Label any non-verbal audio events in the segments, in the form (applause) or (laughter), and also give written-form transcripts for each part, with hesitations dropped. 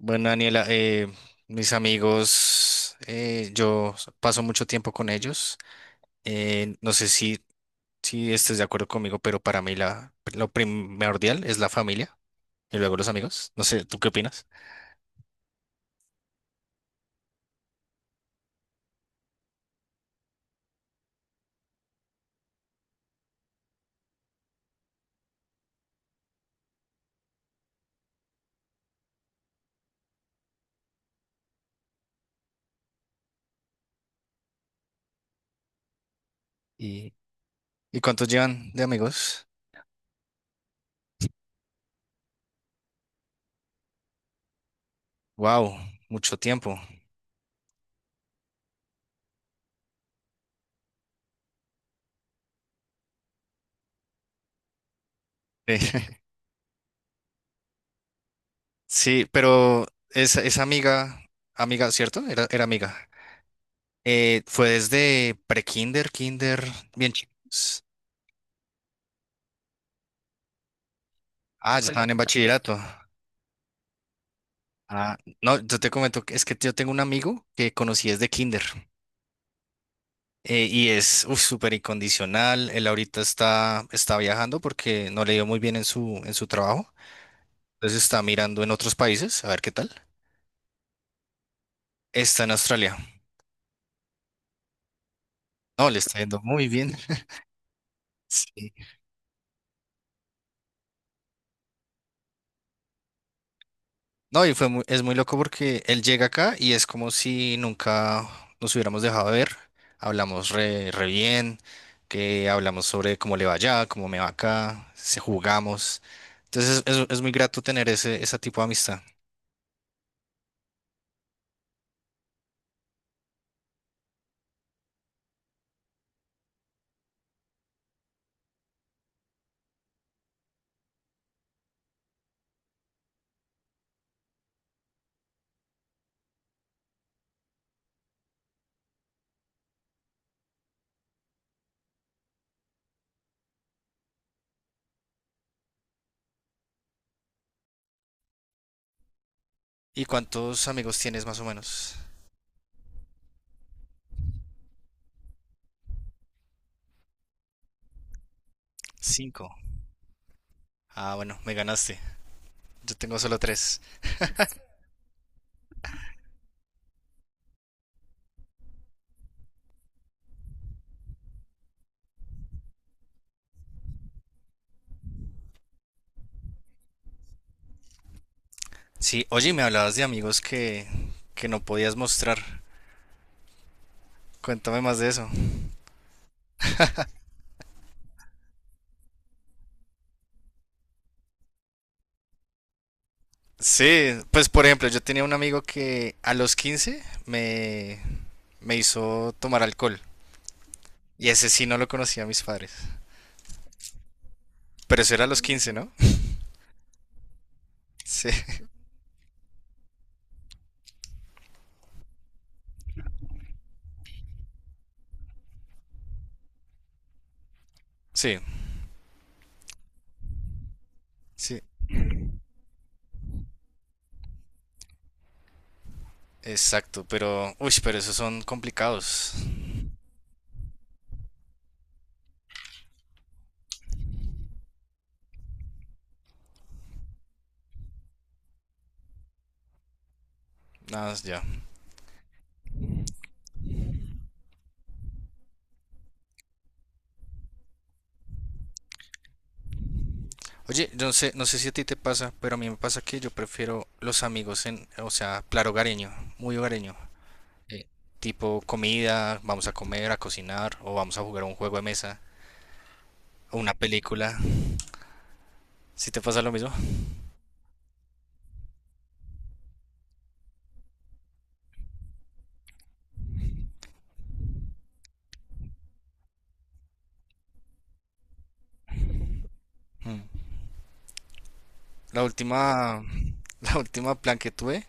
Bueno, Daniela, mis amigos, yo paso mucho tiempo con ellos. No sé si estés de acuerdo conmigo, pero para mí lo primordial es la familia y luego los amigos. No sé, ¿tú qué opinas? ¿Y, y cuántos llevan de amigos? Wow, mucho tiempo. Eh, (laughs) Sí, pero esa amiga, amiga, ¿cierto? Era amiga. Fue desde pre-kinder, kinder, bien chicos. Ah, ya estaban en bachillerato. Ah, no, yo te comento que es que yo tengo un amigo que conocí desde kinder, y es uf, súper incondicional. Él ahorita está viajando porque no le dio muy bien en su trabajo. Entonces está mirando en otros países, a ver qué tal. Está en Australia. No, le está yendo muy bien. (laughs) Sí. No, y es muy loco porque él llega acá y es como si nunca nos hubiéramos dejado de ver. Hablamos re bien, que hablamos sobre cómo le va allá, cómo me va acá, se jugamos. Entonces es muy grato tener ese tipo de amistad. ¿Y cuántos amigos tienes más o menos? Cinco. Ah, bueno, me ganaste. Yo tengo solo tres. Sí, oye, me hablabas de amigos que no podías mostrar. Cuéntame más de eso. Sí, pues por ejemplo, yo tenía un amigo que a los 15 me hizo tomar alcohol. Y ese sí no lo conocía a mis padres. Pero eso era a los 15, ¿no? (laughs) Sí, sí, sí, exacto. Pero, uy, pero esos son complicados. Nada más ya. Oye, yo no sé si a ti te pasa, pero a mí me pasa que yo prefiero los amigos o sea, plan hogareño, muy hogareño. Eh, Tipo comida, vamos a comer, a cocinar, o vamos a jugar a un juego de mesa, o una película. ¿Sí te pasa lo mismo? Mm. La última, (laughs) la última plan que tuve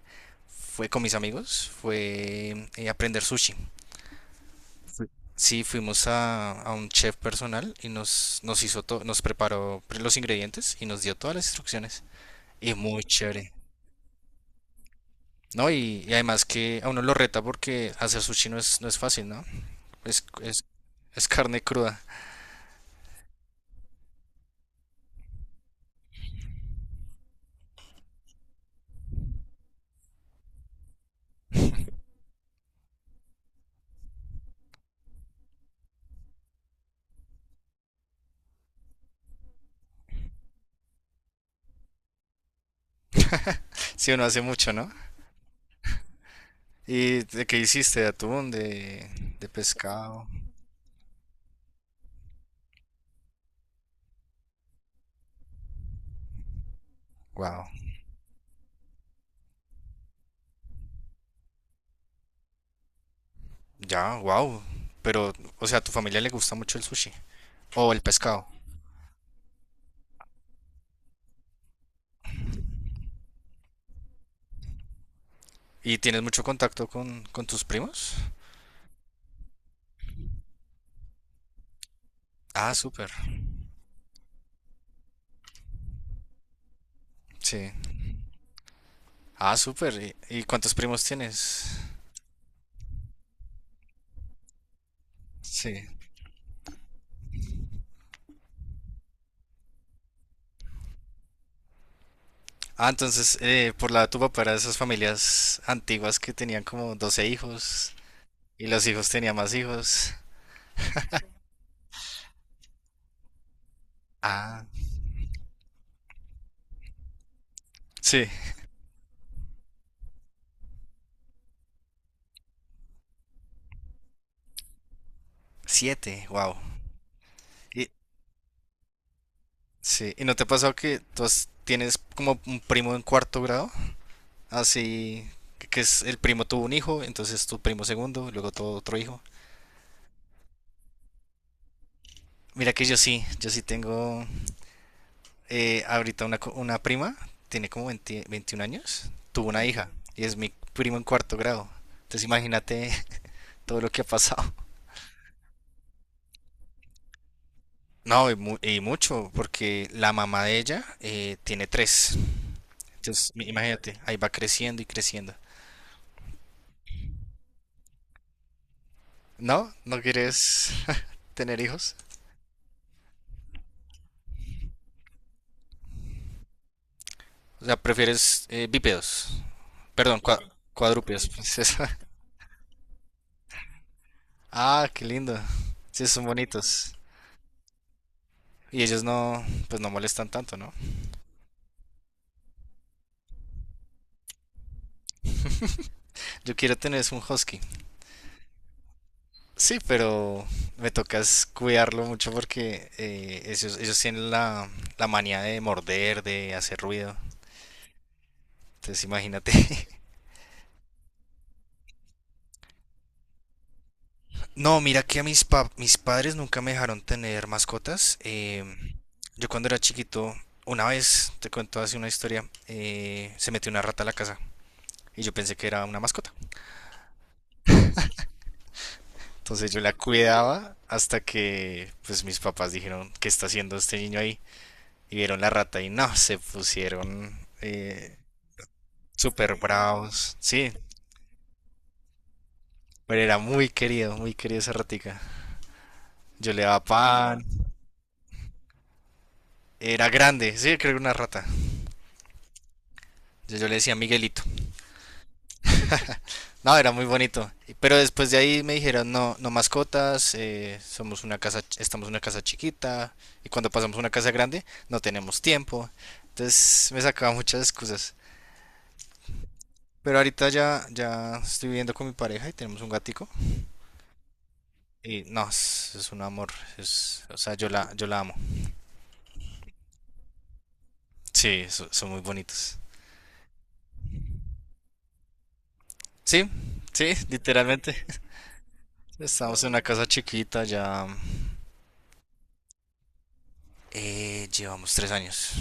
fue con mis amigos, fue aprender sushi. Sí, fuimos a un chef personal y nos hizo todo, nos preparó los ingredientes y nos dio todas las instrucciones. Y muy chévere. No, y además que a uno lo reta porque hacer sushi no es fácil, ¿no? Es, es, es carne cruda. (laughs) Si uno hace mucho, ¿no? ¿Y de qué hiciste? ¿De atún? ¿De pescado? Wow. Ya, wow. Pero, o sea, ¿a tu familia le gusta mucho el sushi o el pescado? ¿Y tienes mucho contacto con tus primos? Ah, súper. Sí. Ah, súper. ¿Y cuántos primos tienes? Sí. Ah, entonces, por la de tu papá era de esas familias antiguas que tenían como 12 hijos y los hijos tenían más hijos. Ah, sí. Siete, wow. Y, sí. ¿Y no te ha pasado que tienes como un primo en cuarto grado? Así que es el primo tuvo un hijo, entonces tu primo segundo, luego todo otro hijo. Mira que yo sí tengo ahorita una prima, tiene como 20 21 años, tuvo una hija y es mi primo en cuarto grado. Entonces imagínate (laughs) todo lo que ha pasado. No, y mucho, porque la mamá de ella tiene tres. Entonces, imagínate, ahí va creciendo y creciendo. ¿No? ¿No quieres (laughs) tener hijos? O sea, prefieres bípedos. Perdón, cuadrúpedos. Pues, eso. (laughs) Ah, qué lindo. Sí, son bonitos. Y ellos no, pues no molestan tanto, ¿no? Yo quiero tener es un husky. Sí, pero me tocas cuidarlo mucho porque ellos tienen la manía de morder, de hacer ruido. Entonces imagínate. (laughs) No, mira que a mis padres nunca me dejaron tener mascotas. Yo cuando era chiquito, una vez, te cuento así una historia, se metió una rata a la casa y yo pensé que era una mascota. Entonces yo la cuidaba hasta que pues mis papás dijeron, ¿qué está haciendo este niño ahí? Y vieron la rata y no, se pusieron súper bravos. Sí, pero era muy querido, muy querida esa ratica. Yo le daba pan, era grande, sí, creo que era una rata. Yo le decía Miguelito. No, era muy bonito. Pero después de ahí me dijeron, no, no mascotas, somos una casa, estamos en una casa chiquita y cuando pasamos a una casa grande no tenemos tiempo. Entonces me sacaba muchas excusas. Pero ahorita ya estoy viviendo con mi pareja y tenemos un gatico. Y no, es un amor. Es, o sea, yo la amo. Sí, son muy bonitos. Sí, sí, literalmente. (laughs) Estamos en una casa chiquita, ya llevamos 3 años.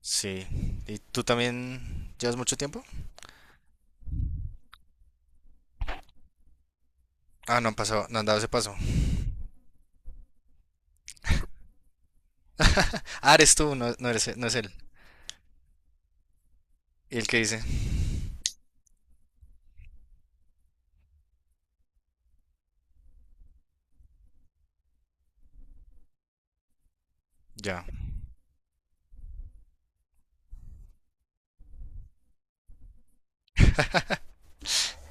Sí. ¿Y tú también llevas mucho tiempo? Ah, no han pasado, no han dado ese paso. Ah, eres tú, no, no eres, no es él. ¿Y el que dice? Ya.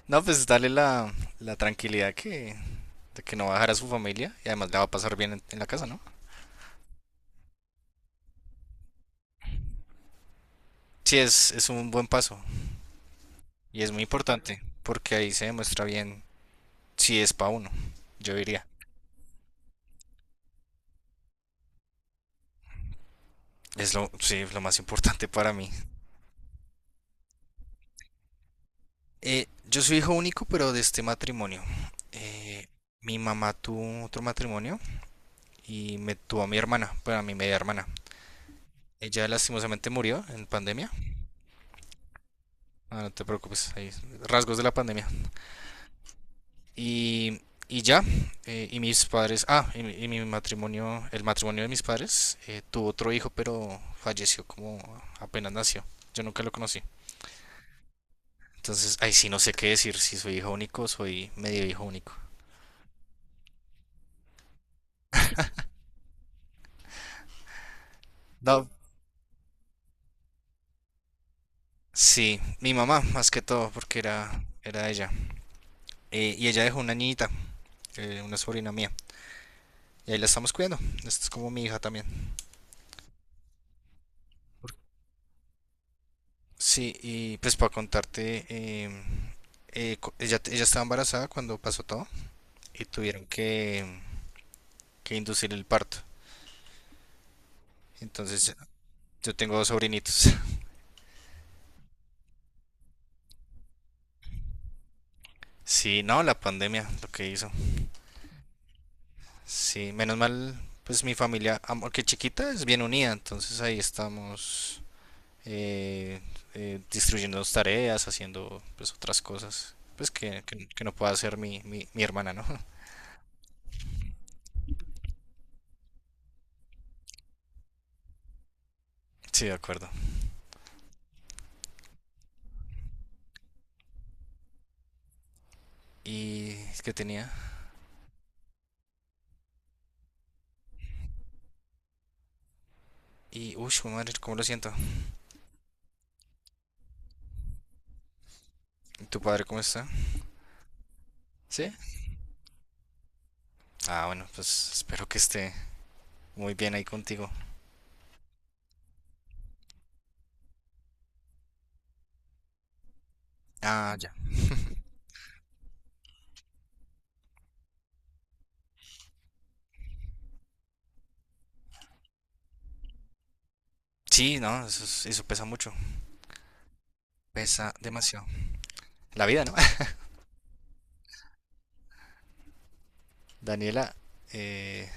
No, pues darle la tranquilidad de que no va a dejar a su familia y además la va a pasar bien en la casa, ¿no? Sí, es un buen paso y es muy importante porque ahí se demuestra bien si es para uno, yo diría. Es lo, sí, lo más importante para mí. Yo soy hijo único, pero de este matrimonio. Eh, Mi mamá tuvo otro matrimonio y me tuvo a mi hermana, bueno a mi media hermana. Ella lastimosamente murió en pandemia. Ah, no te preocupes, hay rasgos de la pandemia. Y, y ya, y mis padres, ah, y mi matrimonio, el matrimonio de mis padres, tuvo otro hijo, pero falleció como apenas nació. Yo nunca lo conocí. Entonces, ahí sí no sé qué decir, si soy hijo único o soy medio hijo único. No, sí, mi mamá, más que todo, porque era ella. Y ella dejó una niñita, una sobrina mía. Y ahí la estamos cuidando. Esto es como mi hija también. Sí, y pues para contarte, ella estaba embarazada cuando pasó todo y tuvieron que inducir el parto. Entonces yo tengo dos sobrinitos. (laughs) Sí, no, la pandemia, lo que hizo. Sí, menos mal, pues mi familia, aunque chiquita, es bien unida. Entonces ahí estamos eh, distribuyendo tareas, haciendo pues otras cosas. Pues que no pueda hacer mi hermana, ¿no? (laughs) Sí, de acuerdo. Y que tenía. Uy, madre, ¿cómo lo siento? ¿Y tu padre cómo está? ¿Sí? Ah, bueno, pues espero que esté muy bien ahí contigo. Ah, ya. Sí, no, eso pesa mucho. Pesa demasiado. La vida, ¿no? (laughs) Daniela, eh,